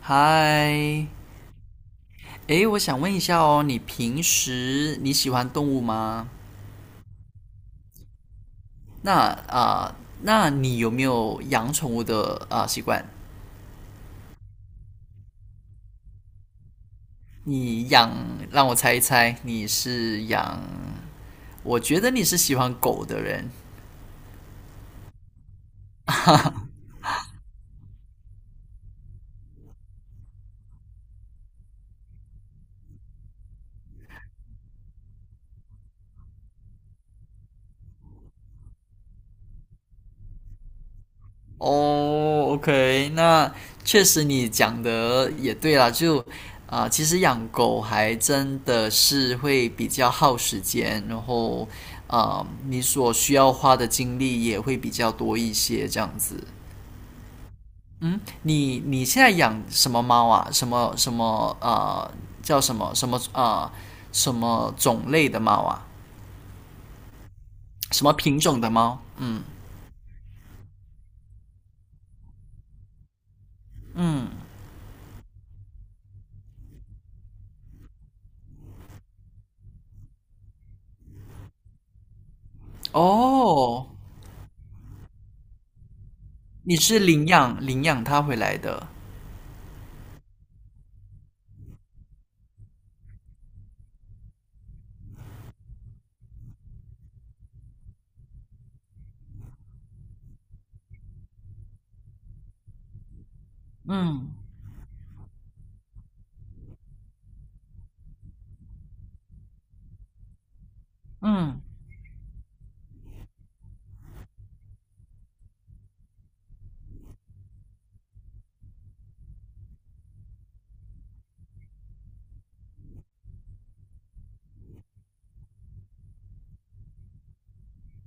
嗨，诶，我想问一下哦，你平时喜欢动物吗？那啊、呃那你有没有养宠物的习惯？你养，让我猜一猜，你是养？我觉得你是喜欢狗的人。哦，OK，那确实你讲的也对啦，其实养狗还真的是会比较耗时间，然后你所需要花的精力也会比较多一些，这样子。嗯，你现在养什么猫啊？叫什么什么呃，什么种类的猫啊？什么品种的猫？嗯嗯，哦，你是领养它回来的。嗯嗯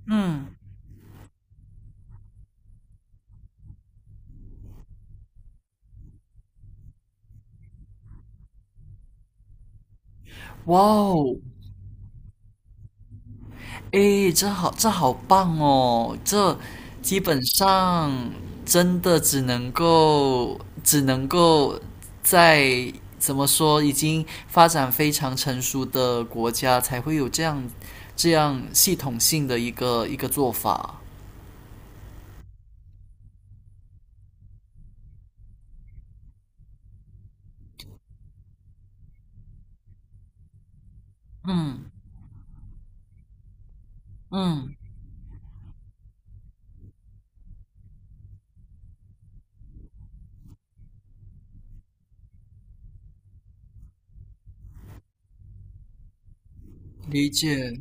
嗯，哇哦，诶，这好棒哦！这基本上真的只能够，只能够在，怎么说，已经发展非常成熟的国家才会有这样系统性的一个做法。嗯嗯，理解。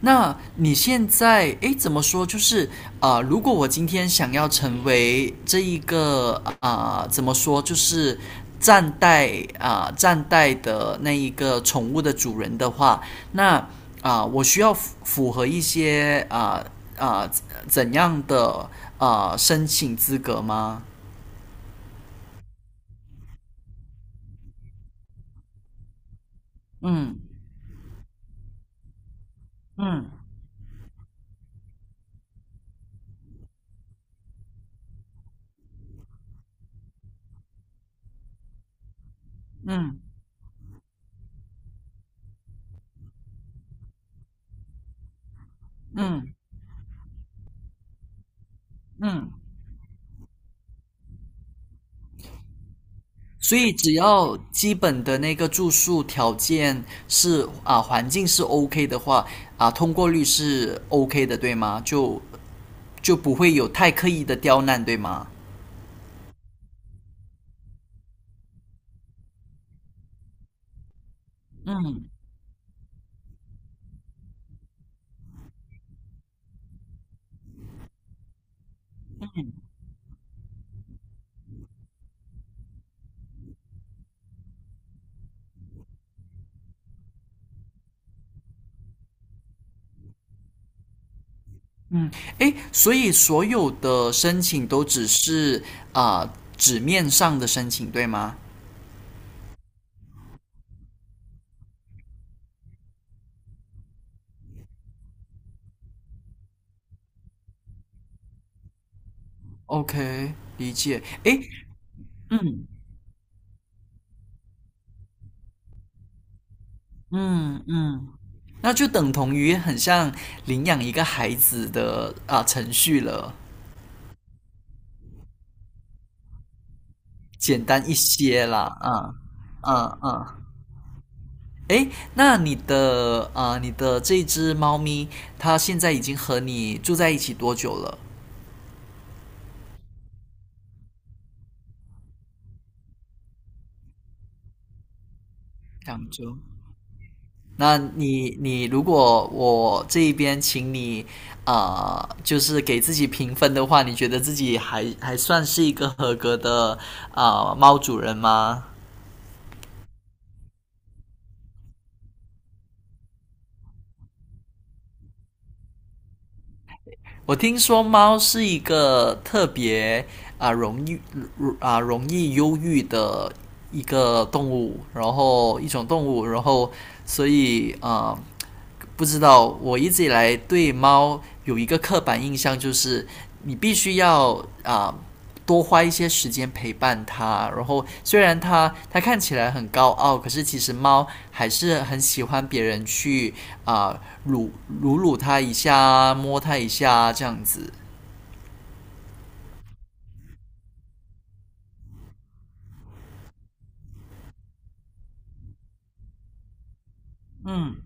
那你现在，诶，怎么说？就是如果我今天想要成为这一个，怎么说？就是站代站代的那一个宠物的主人的话，那我需要符合一些啊、呃呃怎样的申请资格吗？嗯嗯嗯嗯嗯。嗯嗯，所以只要基本的那个住宿条件环境是 OK 的话，啊，通过率是 OK 的，对吗？就不会有太刻意的刁难，对吗？嗯，诶，所以所有的申请都只是啊纸面上的申请，对吗？OK，理解。诶，嗯嗯嗯，那就等同于很像领养一个孩子的程序了。简单一些啦，嗯嗯嗯。诶，那你的，呃，你的这只猫咪，它现在已经和你住在一起多久了？两周。那你，如果我这一边请你，呃，就是给自己评分的话，你觉得自己还算是一个合格的呃猫主人吗？我听说猫是一个特别啊、呃容易容易忧郁的一种动物。然后所以不知道，我一直以来对猫有一个刻板印象，就是你必须要啊、呃多花一些时间陪伴它。然后虽然它看起来很高傲，可是其实猫还是很喜欢别人去啊撸撸撸它一下，摸它一下，这样子。嗯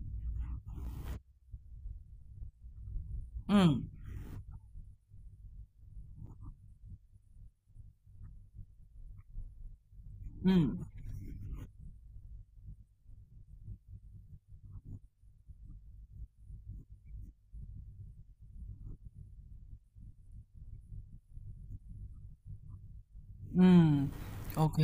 嗯嗯嗯，OK，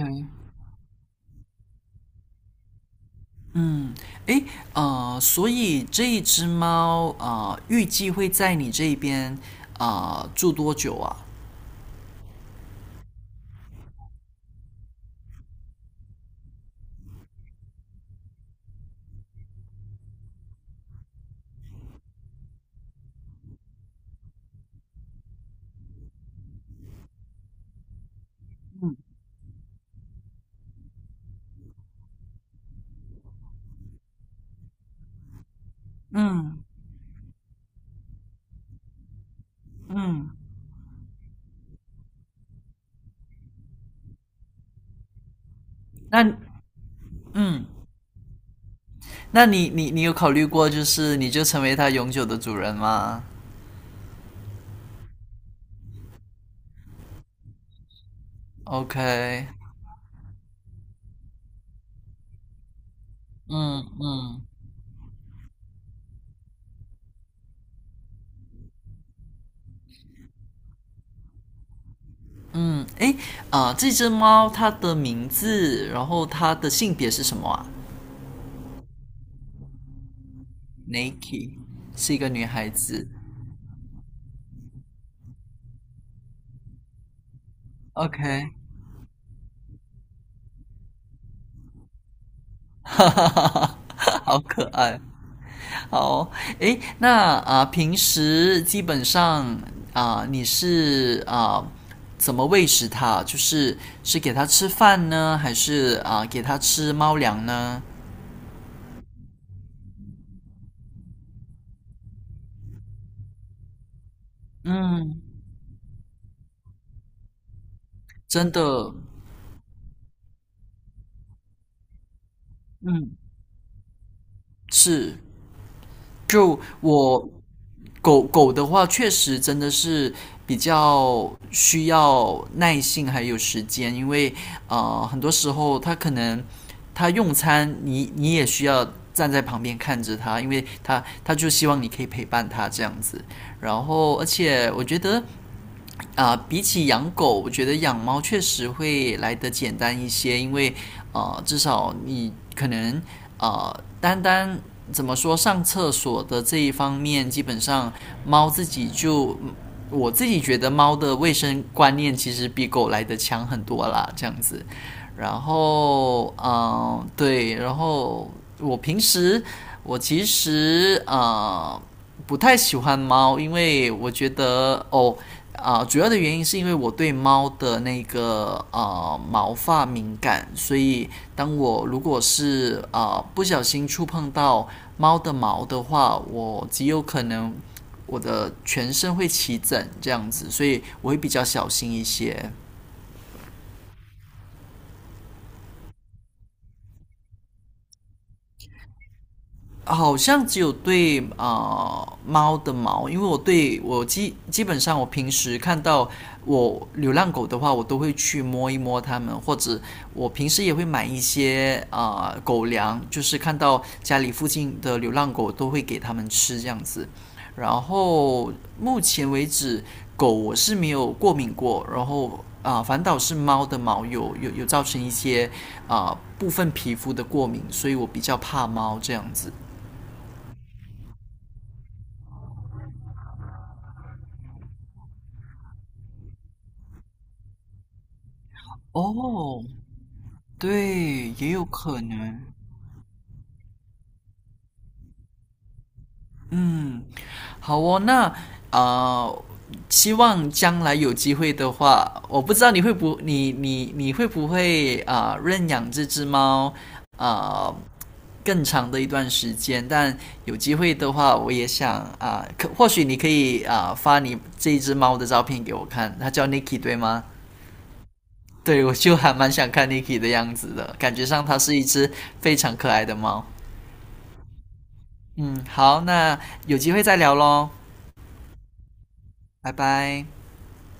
嗯，诶，呃，所以这一只猫，预计会在你这边住多久啊？嗯嗯，那嗯那你你有考虑过，就是你就成为它永久的主人吗？OK，嗯嗯嗯，诶，啊、这只猫它的名字，然后它的性别是什么啊？Nike 是一个女孩子。OK，哈哈哈哈，好可爱。好，诶，那啊、平时基本上啊、你是啊、怎么喂食它？就是是给它吃饭呢，还是啊、给它吃猫粮呢？嗯，真的，嗯，是，就我狗狗的话，确实真的是比较需要耐性还有时间，因为呃，很多时候它可能它用餐，你也需要站在旁边看着它，因为它就希望你可以陪伴它，这样子。然后，而且我觉得啊，比起养狗，我觉得养猫确实会来得简单一些，因为呃，至少你可能呃，单单怎么说上厕所的这一方面，基本上猫自己就，我自己觉得猫的卫生观念其实比狗来得强很多啦，这样子。然后，嗯、对。然后我平时实我其实啊呃不太喜欢猫，因为我觉得哦主要的原因是因为我对猫的那个呃毛发敏感，所以当我如果是啊呃不小心触碰到猫的毛的话，我极有可能我的全身会起疹，这样子，所以我会比较小心一些。好像只有对猫的毛，因为我对我基基本上我平时看到流浪狗的话，我都会去摸一摸它们，或者呃我平时也会买一些狗粮，就是看到家里附近的流浪狗都会给它们吃，这样子。然后目前为止，狗我是没有过敏过，然后反倒是猫的毛有造成一些部分皮肤的过敏，所以我比较怕猫，这样子。哦，对，也有可能。嗯，好哦，那啊，希望将来有机会的话，我不知道你会不会啊、呃认养这只猫啊、呃更长的一段时间？但有机会的话，我也想啊、可或许你可以啊、发你这一只猫的照片给我看，它叫 Niki 对吗？对，我就还蛮想看 Niki 的样子的，感觉上它是一只非常可爱的猫。嗯，好，那有机会再聊喽，拜拜。